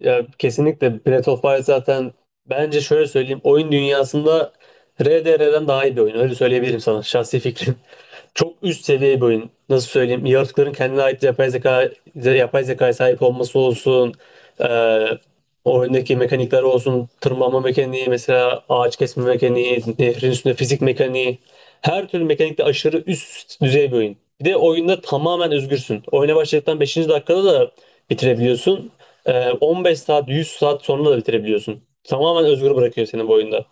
Ya kesinlikle Breath of Fire zaten, bence şöyle söyleyeyim, oyun dünyasında RDR'den daha iyi bir oyun. Öyle söyleyebilirim sana, şahsi fikrim. Çok üst seviye bir oyun. Nasıl söyleyeyim? Yaratıkların kendine ait yapay zeka, yapay zekaya sahip olması olsun. E, Oyundaki mekanikler olsun. Tırmanma mekaniği mesela, ağaç kesme mekaniği, nehrin üstünde fizik mekaniği. Her türlü mekanikte aşırı üst düzey bir oyun. Bir de oyunda tamamen özgürsün. Oyuna başladıktan beşinci dakikada da bitirebiliyorsun. 15 saat, 100 saat sonra da bitirebiliyorsun. Tamamen özgür bırakıyor seni bu oyunda.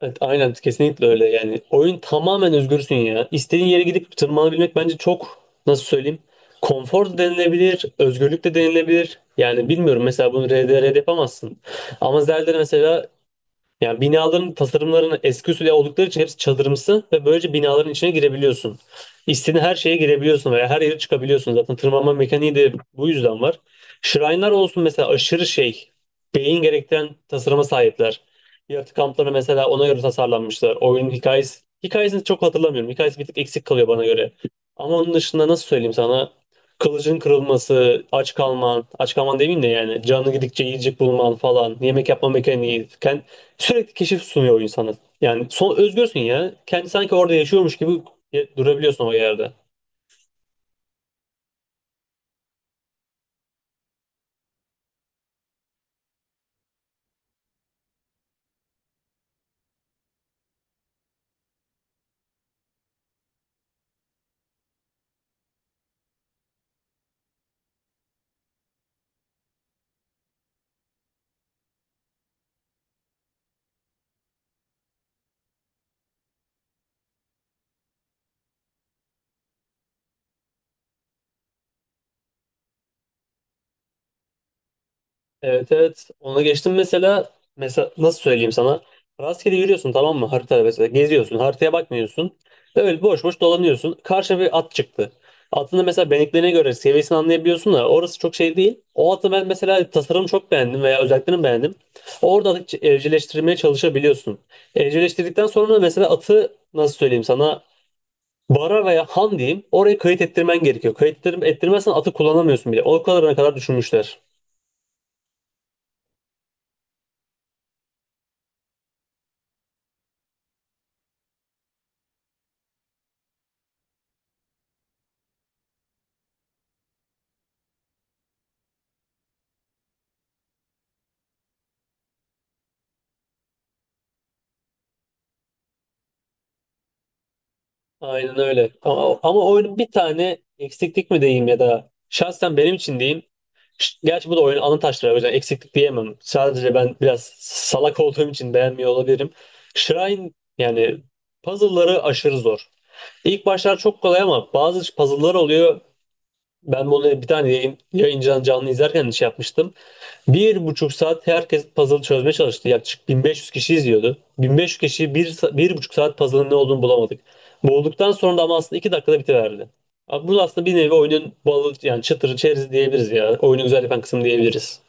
Evet, aynen, kesinlikle öyle. Yani oyun, tamamen özgürsün ya. İstediğin yere gidip tırmanabilmek bence çok, nasıl söyleyeyim, konfor da denilebilir, özgürlük de denilebilir. Yani bilmiyorum, mesela bunu RDR'de yapamazsın. Ama Zelda'da mesela, yani binaların tasarımlarını eski usul oldukları için hepsi çadırımsı ve böylece binaların içine girebiliyorsun. İstediğin her şeye girebiliyorsun veya her yere çıkabiliyorsun. Zaten tırmanma mekaniği de bu yüzden var. Shrine'lar olsun mesela, aşırı şey, beyin gerektiren tasarıma sahipler. Yaratık kampları mesela ona göre tasarlanmışlar. Oyunun hikayesi, hikayesini çok hatırlamıyorum. Hikayesi bir tık eksik kalıyor bana göre. Ama onun dışında, nasıl söyleyeyim sana? Kılıcın kırılması, aç kalman, aç kalman demeyeyim de, yani canı gidikçe yiyecek bulman falan, yemek yapma mekaniği, sürekli keşif sunuyor oyun sana. Yani son özgürsün ya. Kendi sanki orada yaşıyormuş gibi durabiliyorsun o yerde. Evet, evet. Ona geçtim mesela. Mesela, nasıl söyleyeyim sana? Rastgele yürüyorsun, tamam mı? Haritada mesela geziyorsun, haritaya bakmıyorsun. Böyle boş boş dolanıyorsun. Karşına bir at çıktı. Atın da mesela beneklerine göre seviyesini anlayabiliyorsun da orası çok şey değil. O atı ben mesela, tasarımı çok beğendim veya özelliklerini beğendim. Orada atı evcilleştirmeye çalışabiliyorsun. Evcilleştirdikten sonra mesela atı, nasıl söyleyeyim sana, Vara veya Han diyeyim, oraya kayıt ettirmen gerekiyor. Kayıt ettirmezsen atı kullanamıyorsun bile. O kadarına kadar düşünmüşler. Aynen öyle. Ama oyunun bir tane eksiklik mi diyeyim, ya da şahsen benim için diyeyim. Gerçi bu da oyunun ana taşları, o yüzden eksiklik diyemem. Sadece ben biraz salak olduğum için beğenmiyor olabilirim. Shrine, yani puzzle'ları aşırı zor. İlk başlar çok kolay, ama bazı puzzle'lar oluyor. Ben bunu bir tane yayın canlı izlerken şey yapmıştım. Bir buçuk saat herkes puzzle çözmeye çalıştı. Yaklaşık 1500 kişi izliyordu. 1500 kişi bir buçuk saat puzzle'ın ne olduğunu bulamadık. Bulduktan sonra da ama aslında iki dakikada bitiverdi. Abi bu aslında bir nevi oyunun balı, yani çıtırı çerezi diyebiliriz ya. Oyunu güzel yapan kısım diyebiliriz.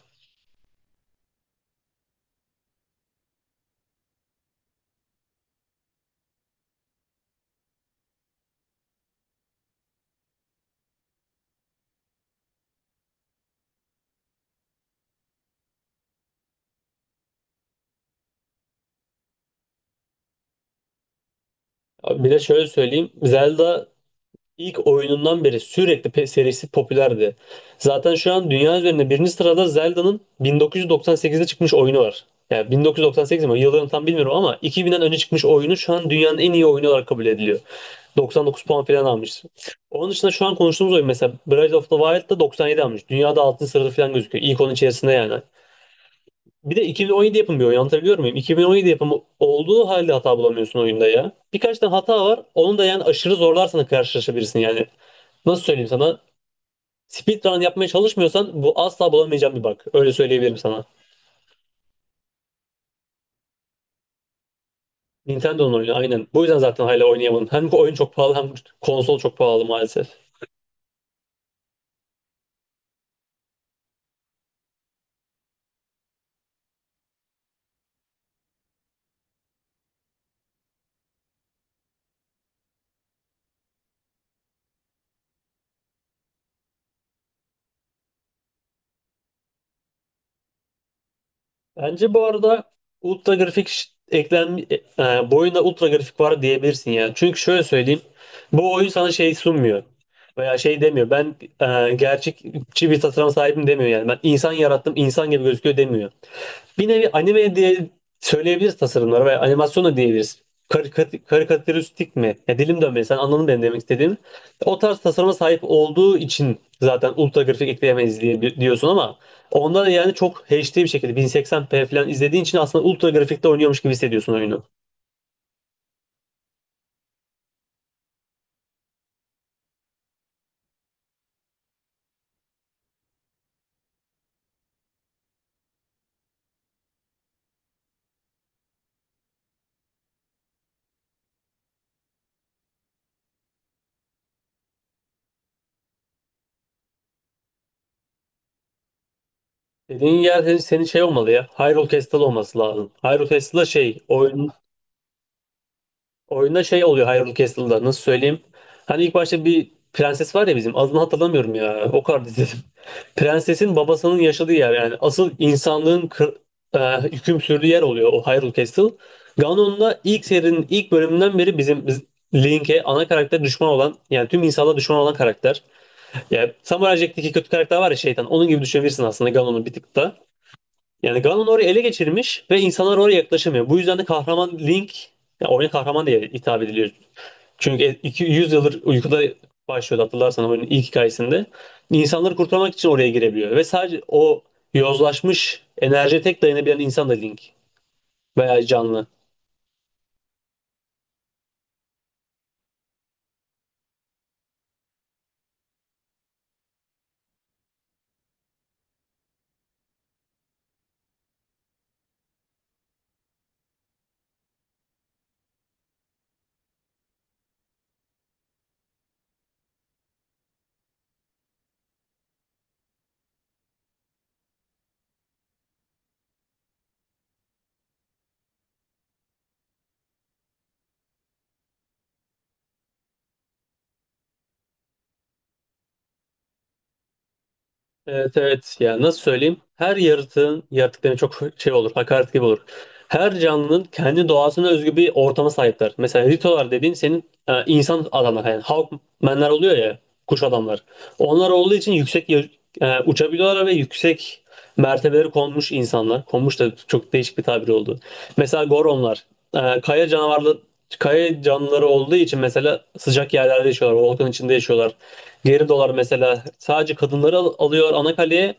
Abi bir de şöyle söyleyeyim. Zelda, İlk oyunundan beri sürekli serisi popülerdi. Zaten şu an dünya üzerinde birinci sırada Zelda'nın 1998'de çıkmış oyunu var. Yani 1998 mi, yıllarını tam bilmiyorum, ama 2000'den önce çıkmış oyunu şu an dünyanın en iyi oyunu olarak kabul ediliyor. 99 puan falan almış. Onun dışında şu an konuştuğumuz oyun mesela, Breath of the Wild'da 97 almış. Dünyada 6. sırada falan gözüküyor, İlk onun içerisinde yani. Bir de 2017 yapımı bir oyun, anlatabiliyor muyum? 2017 yapımı olduğu halde hata bulamıyorsun oyunda ya. Birkaç tane hata var, onu da yani aşırı zorlarsan karşılaşabilirsin yani. Nasıl söyleyeyim sana? Speedrun yapmaya çalışmıyorsan bu asla bulamayacağım bir bug. Öyle söyleyebilirim sana. Nintendo'nun oyunu, aynen. Bu yüzden zaten hala oynayamadım. Hem bu oyun çok pahalı, hem konsol çok pahalı maalesef. Bence bu arada ultra grafik, bu oyunda ultra grafik var diyebilirsin ya. Çünkü şöyle söyleyeyim, bu oyun sana şey sunmuyor, veya şey demiyor. Ben, gerçekçi bir tasarıma sahibim demiyor yani. Ben insan yarattım, insan gibi gözüküyor demiyor. Bir nevi anime diye söyleyebiliriz tasarımlara, veya animasyon da diyebiliriz. Karikat, karikatüristik mi? Ya, dilim dönmedi. Sen anladın benim demek istediğim. O tarz tasarıma sahip olduğu için zaten ultra grafik ekleyemeyiz diye diyorsun, ama onda da yani çok HD bir şekilde 1080p falan izlediğin için aslında ultra grafikte oynuyormuş gibi hissediyorsun oyunu. Dediğin yer senin şey olmalı ya, Hyrule Castle olması lazım. Hyrule Castle şey oyun Oyunda şey oluyor Hyrule Castle'da, nasıl söyleyeyim. Hani ilk başta bir prenses var ya bizim, adını hatırlamıyorum ya, o kadar izledim. Prensesin babasının yaşadığı yer, yani asıl insanlığın hüküm sürdüğü yer oluyor o Hyrule Castle. Ganon'da ilk serinin ilk bölümünden beri bizim, Link'e, ana karakter, düşman olan yani tüm insanlara düşman olan karakter. Yani Samurai Jack'teki kötü karakter var ya, şeytan, onun gibi düşünebilirsin aslında Ganon'u bir tık da. Yani Ganon orayı ele geçirmiş ve insanlar oraya yaklaşamıyor. Bu yüzden de kahraman Link, ya oyuna kahraman diye hitap ediliyor, çünkü 100 yıldır uykuda başlıyordu, hatırlarsan oyunun ilk hikayesinde. İnsanları kurtarmak için oraya girebiliyor. Ve sadece o yozlaşmış enerjiye tek dayanabilen insan da Link, veya canlı. Evet, evet. Yani nasıl söyleyeyim? Her yaratığın, yaratıkların çok şey olur, hakaret gibi olur. Her canlının kendi doğasına özgü bir ortama sahipler. Mesela Ritolar dediğin senin, insan adamlar, yani Hawkmenler oluyor ya, kuş adamlar. Onlar olduğu için yüksek, uçabiliyorlar ve yüksek mertebeleri konmuş insanlar. Konmuş da çok değişik bir tabir oldu. Mesela Goronlar, kaya canavarlı, kaya canlıları olduğu için mesela sıcak yerlerde yaşıyorlar, volkan içinde yaşıyorlar. Geridolar mesela, sadece kadınları alıyor ana kaleye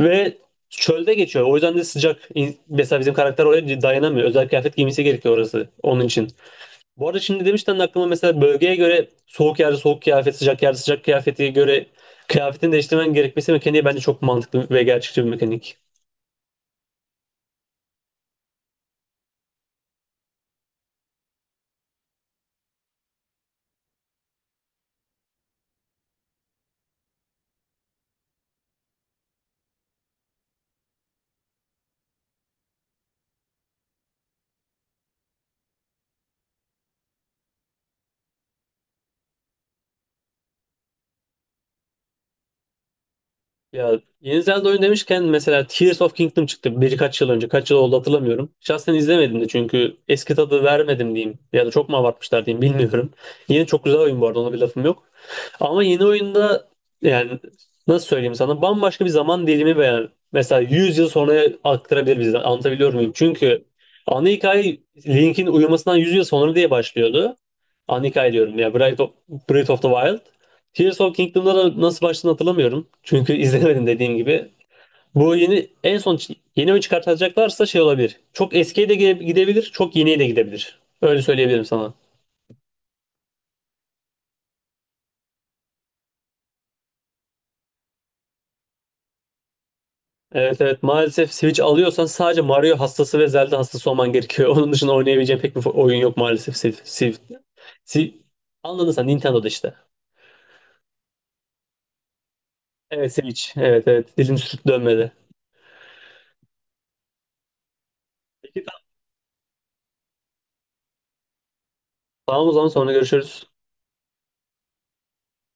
ve çölde geçiyor. O yüzden de sıcak. Mesela bizim karakter oraya dayanamıyor, özel kıyafet giymesi gerekiyor, orası onun için. Bu arada şimdi demişten de aklıma, mesela bölgeye göre soğuk yerde soğuk kıyafet, sıcak yerde sıcak kıyafete göre kıyafetini değiştirmen gerekmesi mekaniği, bence çok mantıklı ve gerçekçi bir mekanik. Ya, yeni Zelda oyun demişken, mesela Tears of Kingdom çıktı birkaç yıl önce. Kaç yıl oldu hatırlamıyorum. Şahsen izlemedim de, çünkü eski tadı vermedim diyeyim, ya da çok mu abartmışlar diyeyim, bilmiyorum. Yeni çok güzel oyun bu arada, ona bir lafım yok. Ama yeni oyunda, yani nasıl söyleyeyim sana, bambaşka bir zaman dilimi, veya mesela 100 yıl sonra aktarabilir bizi. Anlatabiliyor muyum? Çünkü ana hikaye Link'in uyumasından 100 yıl sonra diye başlıyordu. Anika diyorum ya, Breath of the Wild. Tears of Kingdom'da da nasıl başladığını hatırlamıyorum, çünkü izlemedim, dediğim gibi. Bu yeni, en son yeni oyun çıkartacaklarsa şey olabilir, çok eskiye de gidebilir, çok yeniye de gidebilir. Öyle söyleyebilirim sana. Evet, evet, maalesef. Switch alıyorsan sadece Mario hastası ve Zelda hastası olman gerekiyor. Onun dışında oynayabileceğin pek bir oyun yok maalesef. Siv, Siv, Siv. Anladın sen, Nintendo'da işte. Evet, Switch. Evet, evet, dilim sürçüp dönmedi. Peki, tamam, o zaman sonra görüşürüz.